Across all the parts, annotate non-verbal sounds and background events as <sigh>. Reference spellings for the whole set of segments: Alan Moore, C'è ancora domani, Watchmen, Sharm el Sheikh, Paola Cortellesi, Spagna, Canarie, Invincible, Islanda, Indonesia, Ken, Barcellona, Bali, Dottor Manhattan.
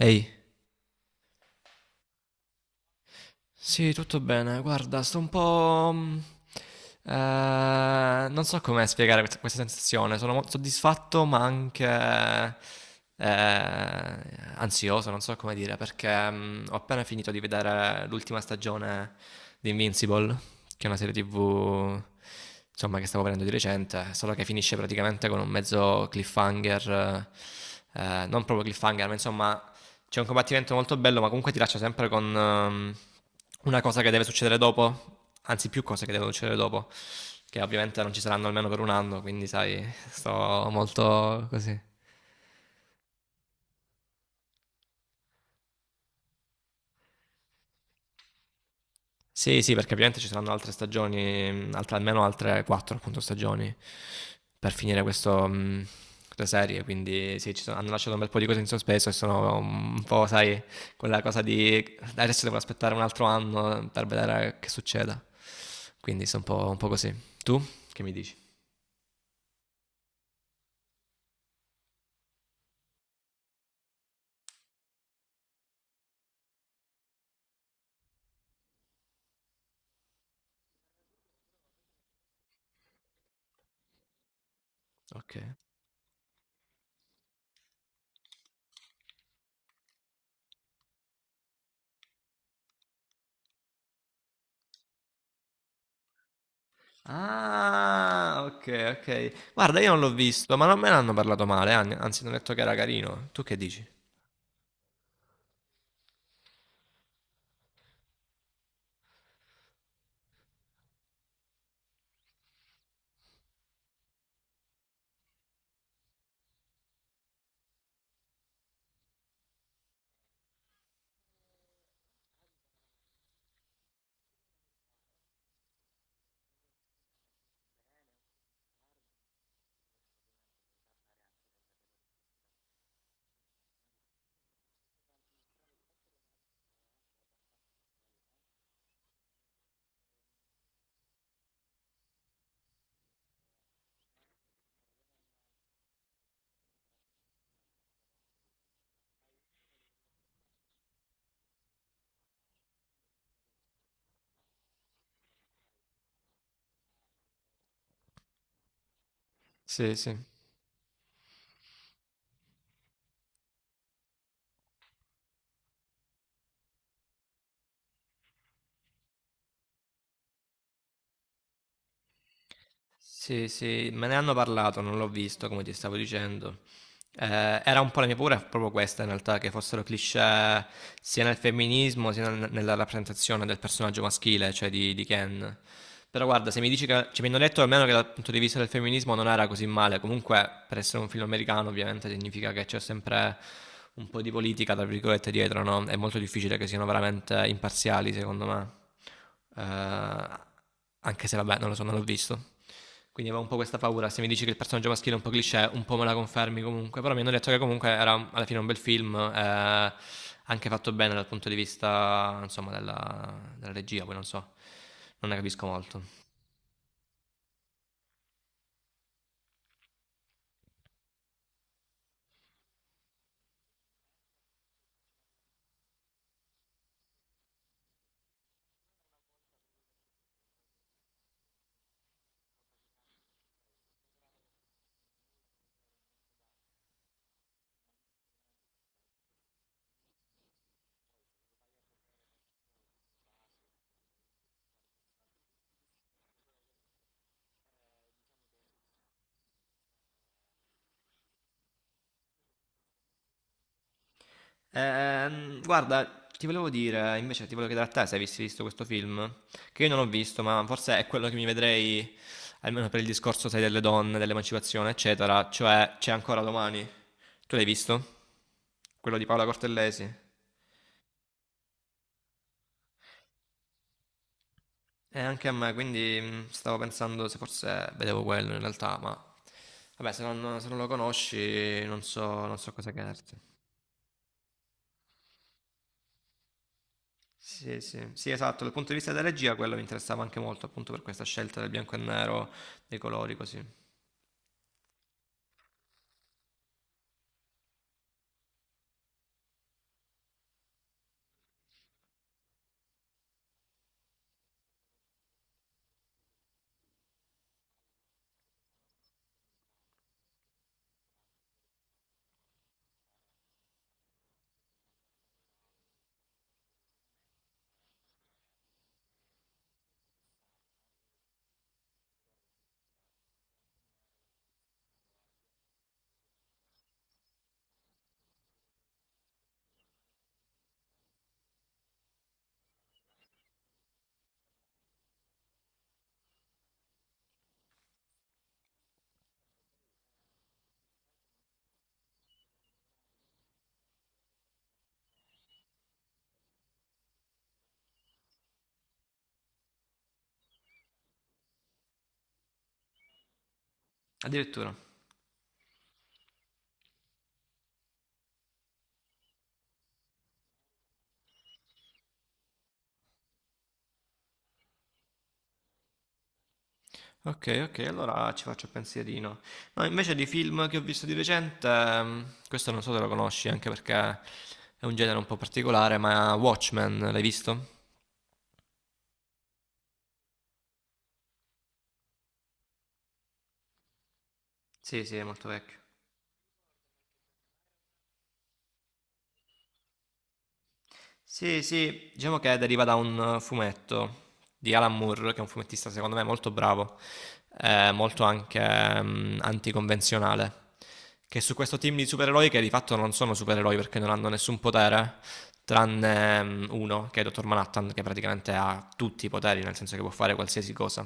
Ehi, sì, tutto bene. Guarda, sto un po'... non so come spiegare questa sensazione. Sono molto soddisfatto, ma anche eh, ansioso, non so come dire, perché ho appena finito di vedere l'ultima stagione di Invincible, che è una serie TV, insomma, che stavo vedendo di recente, solo che finisce praticamente con un mezzo cliffhanger. Non proprio cliffhanger, ma insomma, c'è un combattimento molto bello, ma comunque ti lascia sempre con una cosa che deve succedere dopo, anzi più cose che devono succedere dopo, che ovviamente non ci saranno almeno per un anno, quindi sai, sto molto così. Sì, sì, perché ovviamente ci saranno altre stagioni, almeno altre quattro appunto stagioni per finire questo, questa serie, quindi sì, hanno lasciato un bel po' di cose in sospeso e sono un po', sai, quella cosa di adesso devo aspettare un altro anno per vedere che succeda. Quindi sono un po' così. Tu che mi dici? Ok. Ah, ok, ok. Guarda, io non l'ho visto, ma non me ne hanno parlato male, anzi, mi hanno detto che era carino. Tu che dici? Sì, sì. Sì, sì, me ne hanno parlato, non l'ho visto, come ti stavo dicendo. Era un po' la mia paura, proprio questa in realtà, che fossero cliché sia nel femminismo sia nella rappresentazione del personaggio maschile, cioè di Ken. Però guarda, se mi dici che, cioè, mi hanno detto almeno che dal punto di vista del femminismo non era così male, comunque per essere un film americano ovviamente significa che c'è sempre un po' di politica, tra virgolette, dietro, no? È molto difficile che siano veramente imparziali, secondo me. Eh, Anche se vabbè, non lo so, non l'ho visto. Quindi avevo un po' questa paura. Se mi dici che il personaggio maschile è un po' cliché, un po' me la confermi comunque. Però mi hanno detto che comunque era alla fine un bel film, anche fatto bene dal punto di vista, insomma, della regia, poi non so, non ne capisco molto. Guarda, ti volevo dire, invece ti volevo chiedere a te se avessi visto questo film, che io non ho visto, ma forse è quello che mi vedrei, almeno per il discorso, sai, delle donne, dell'emancipazione, eccetera, cioè C'è ancora domani. Tu l'hai visto? Quello di Paola Cortellesi? E anche a me, quindi stavo pensando se forse vedevo quello in realtà, ma vabbè, se non lo conosci non so, cosa chiederti. Sì, sì, sì, esatto. Dal punto di vista della regia, quello mi interessava anche molto, appunto per questa scelta del bianco e nero, dei colori così. Addirittura. Ok, ok, allora ci faccio il pensierino. No, invece di film che ho visto di recente, questo non so se lo conosci, anche perché è un genere un po' particolare, ma Watchmen, l'hai visto? Sì, sì, è molto vecchio. Sì, sì, diciamo che deriva da un fumetto di Alan Moore, che è un fumettista secondo me molto bravo, molto anche anticonvenzionale, che su questo team di supereroi che di fatto non sono supereroi perché non hanno nessun potere, tranne uno, che è Dottor Manhattan, che praticamente ha tutti i poteri, nel senso che può fare qualsiasi cosa.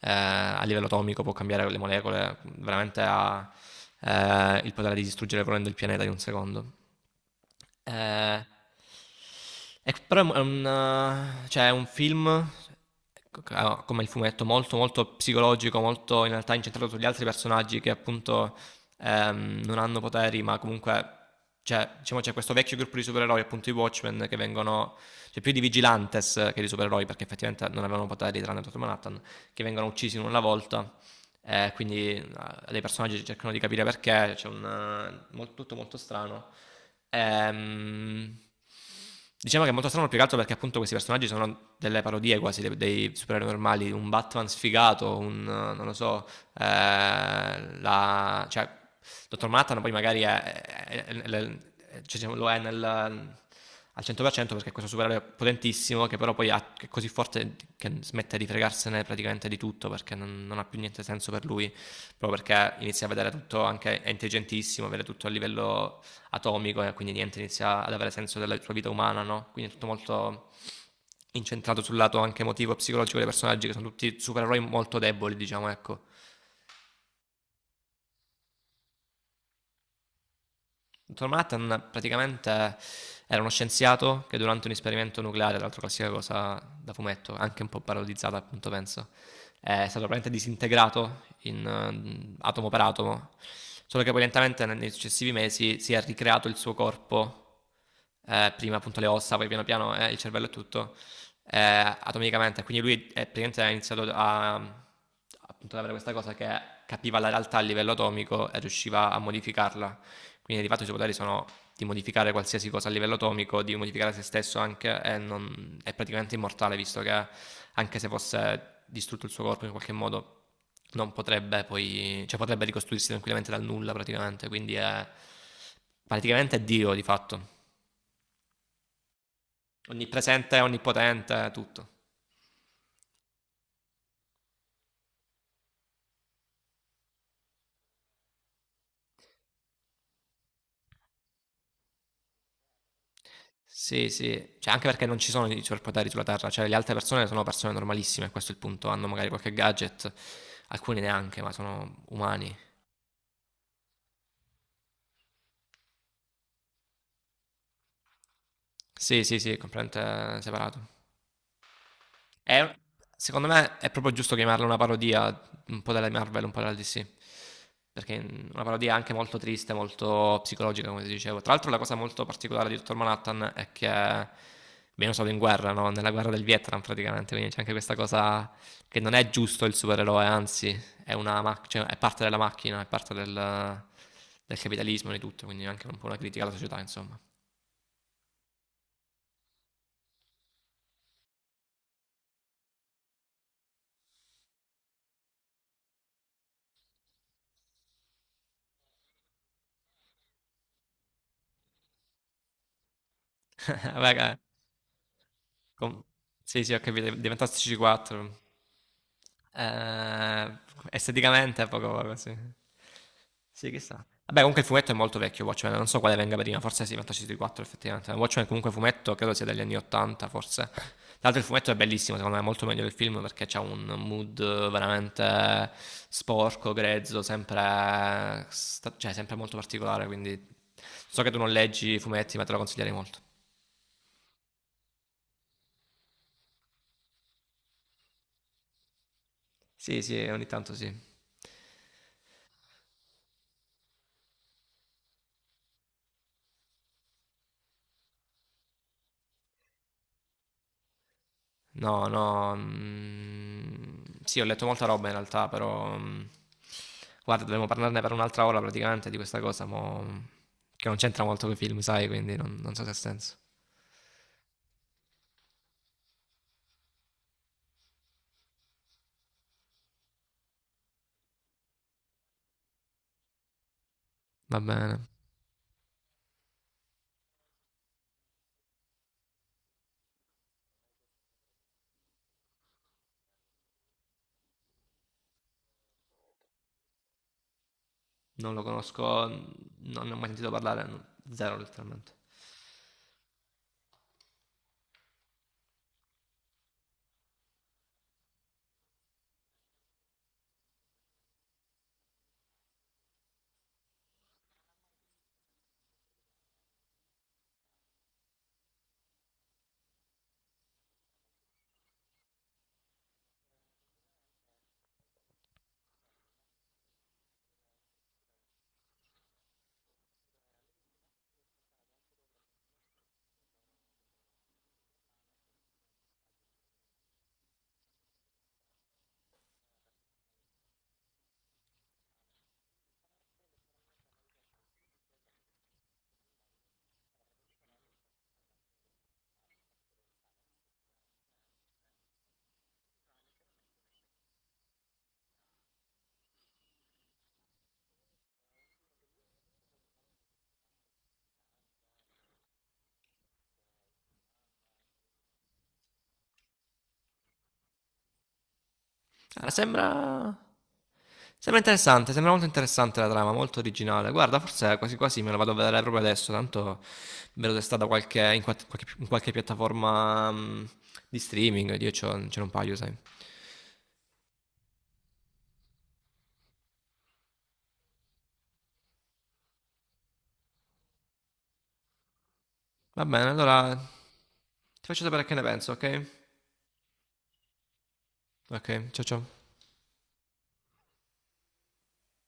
A livello atomico può cambiare le molecole, veramente ha il potere di distruggere volendo il pianeta in un secondo. Ehm, e c però è un, cioè è un film c c a come il fumetto, molto, molto psicologico, molto in realtà incentrato sugli altri personaggi che appunto, non hanno poteri, ma comunque cioè, diciamo c'è questo vecchio gruppo di supereroi, appunto i Watchmen, che vengono cioè più di vigilantes che di supereroi, perché effettivamente non avevano poteri tranne Dottor Manhattan, che vengono uccisi in una volta quindi le personaggi cercano di capire perché, c'è un, tutto molto strano. Ehm, diciamo che è molto strano più che altro perché appunto questi personaggi sono delle parodie quasi dei, supereroi normali, un Batman sfigato, un, non lo so, cioè, dottor Manhattan poi magari è, cioè, lo è nel, al 100% perché è questo supereroe potentissimo che però poi che è così forte che smette di fregarsene praticamente di tutto perché non ha più niente senso per lui, proprio perché inizia a vedere tutto, anche è intelligentissimo, vede tutto a livello atomico e quindi niente, inizia ad avere senso della sua vita umana, no? Quindi è tutto molto incentrato sul lato anche emotivo e psicologico dei personaggi che sono tutti supereroi molto deboli, diciamo, ecco. Dottor Manhattan praticamente era uno scienziato che durante un esperimento nucleare, tra l'altro classica cosa da fumetto, anche un po' parodizzata appunto penso, è stato praticamente disintegrato in, atomo per atomo, solo che poi lentamente nei successivi mesi si è ricreato il suo corpo, prima appunto le ossa, poi piano piano il cervello e tutto, eh, atomicamente, quindi lui è praticamente ha iniziato a, appunto, ad avere questa cosa che capiva la realtà a livello atomico e riusciva a modificarla quindi di fatto i superpoteri sono di modificare qualsiasi cosa a livello atomico, di modificare se stesso anche e è praticamente immortale visto che anche se fosse distrutto il suo corpo in qualche modo non potrebbe poi, cioè potrebbe ricostruirsi tranquillamente dal nulla praticamente, quindi è praticamente è Dio di fatto. Onnipresente, onnipotente, tutto. Sì, sì, cioè anche perché non ci sono i superpoteri sulla Terra, cioè le altre persone sono persone normalissime, questo è il punto, hanno magari qualche gadget, alcuni neanche, ma sono umani. Sì, sì, sì, è completamente separato. È- Secondo me è proprio giusto chiamarla una parodia un po' della Marvel, un po' della DC. Perché una parodia anche molto triste, molto psicologica, come ti dicevo. Tra l'altro, la cosa molto particolare di Dottor Manhattan è che viene usato in guerra, no? Nella guerra del Vietnam, praticamente. Quindi c'è anche questa cosa che non è giusto il supereroe, anzi, cioè, è parte della macchina, è parte del capitalismo e di tutto. Quindi è anche un po' una critica alla società, insomma. <laughs> Vabbè, Com- sì, sì, ho capito, diventa C4. Eh, Esteticamente è poco poco, sì. Sì, chissà. Vabbè, comunque il fumetto è molto vecchio, Watchmen, non so quale venga prima, forse sì, C4 effettivamente. Watchmen comunque fumetto, credo sia degli anni 80, forse. Tra l'altro il fumetto è bellissimo, secondo me è molto meglio del film perché c'ha un mood veramente sporco, grezzo, sempre, cioè, sempre molto particolare, quindi so che tu non leggi i fumetti, ma te lo consiglierei molto. Sì, sì, ogni tanto sì. No, no. Mm, sì, ho letto molta roba in realtà, però. Guarda, dovremmo parlarne per un'altra ora praticamente di questa cosa, che non c'entra molto con i film, sai, quindi non so se ha senso. Va bene. Non lo conosco, non ne ho mai sentito parlare, no, zero letteralmente. Allora, sembra interessante, sembra molto interessante la trama, molto originale. Guarda, forse quasi quasi me la vado a vedere proprio adesso, tanto vedo se sta da in qualche piattaforma di streaming, ce n'ho un paio, sai. Va bene, allora ti faccio sapere che ne penso, ok? Ok, ciao ciao.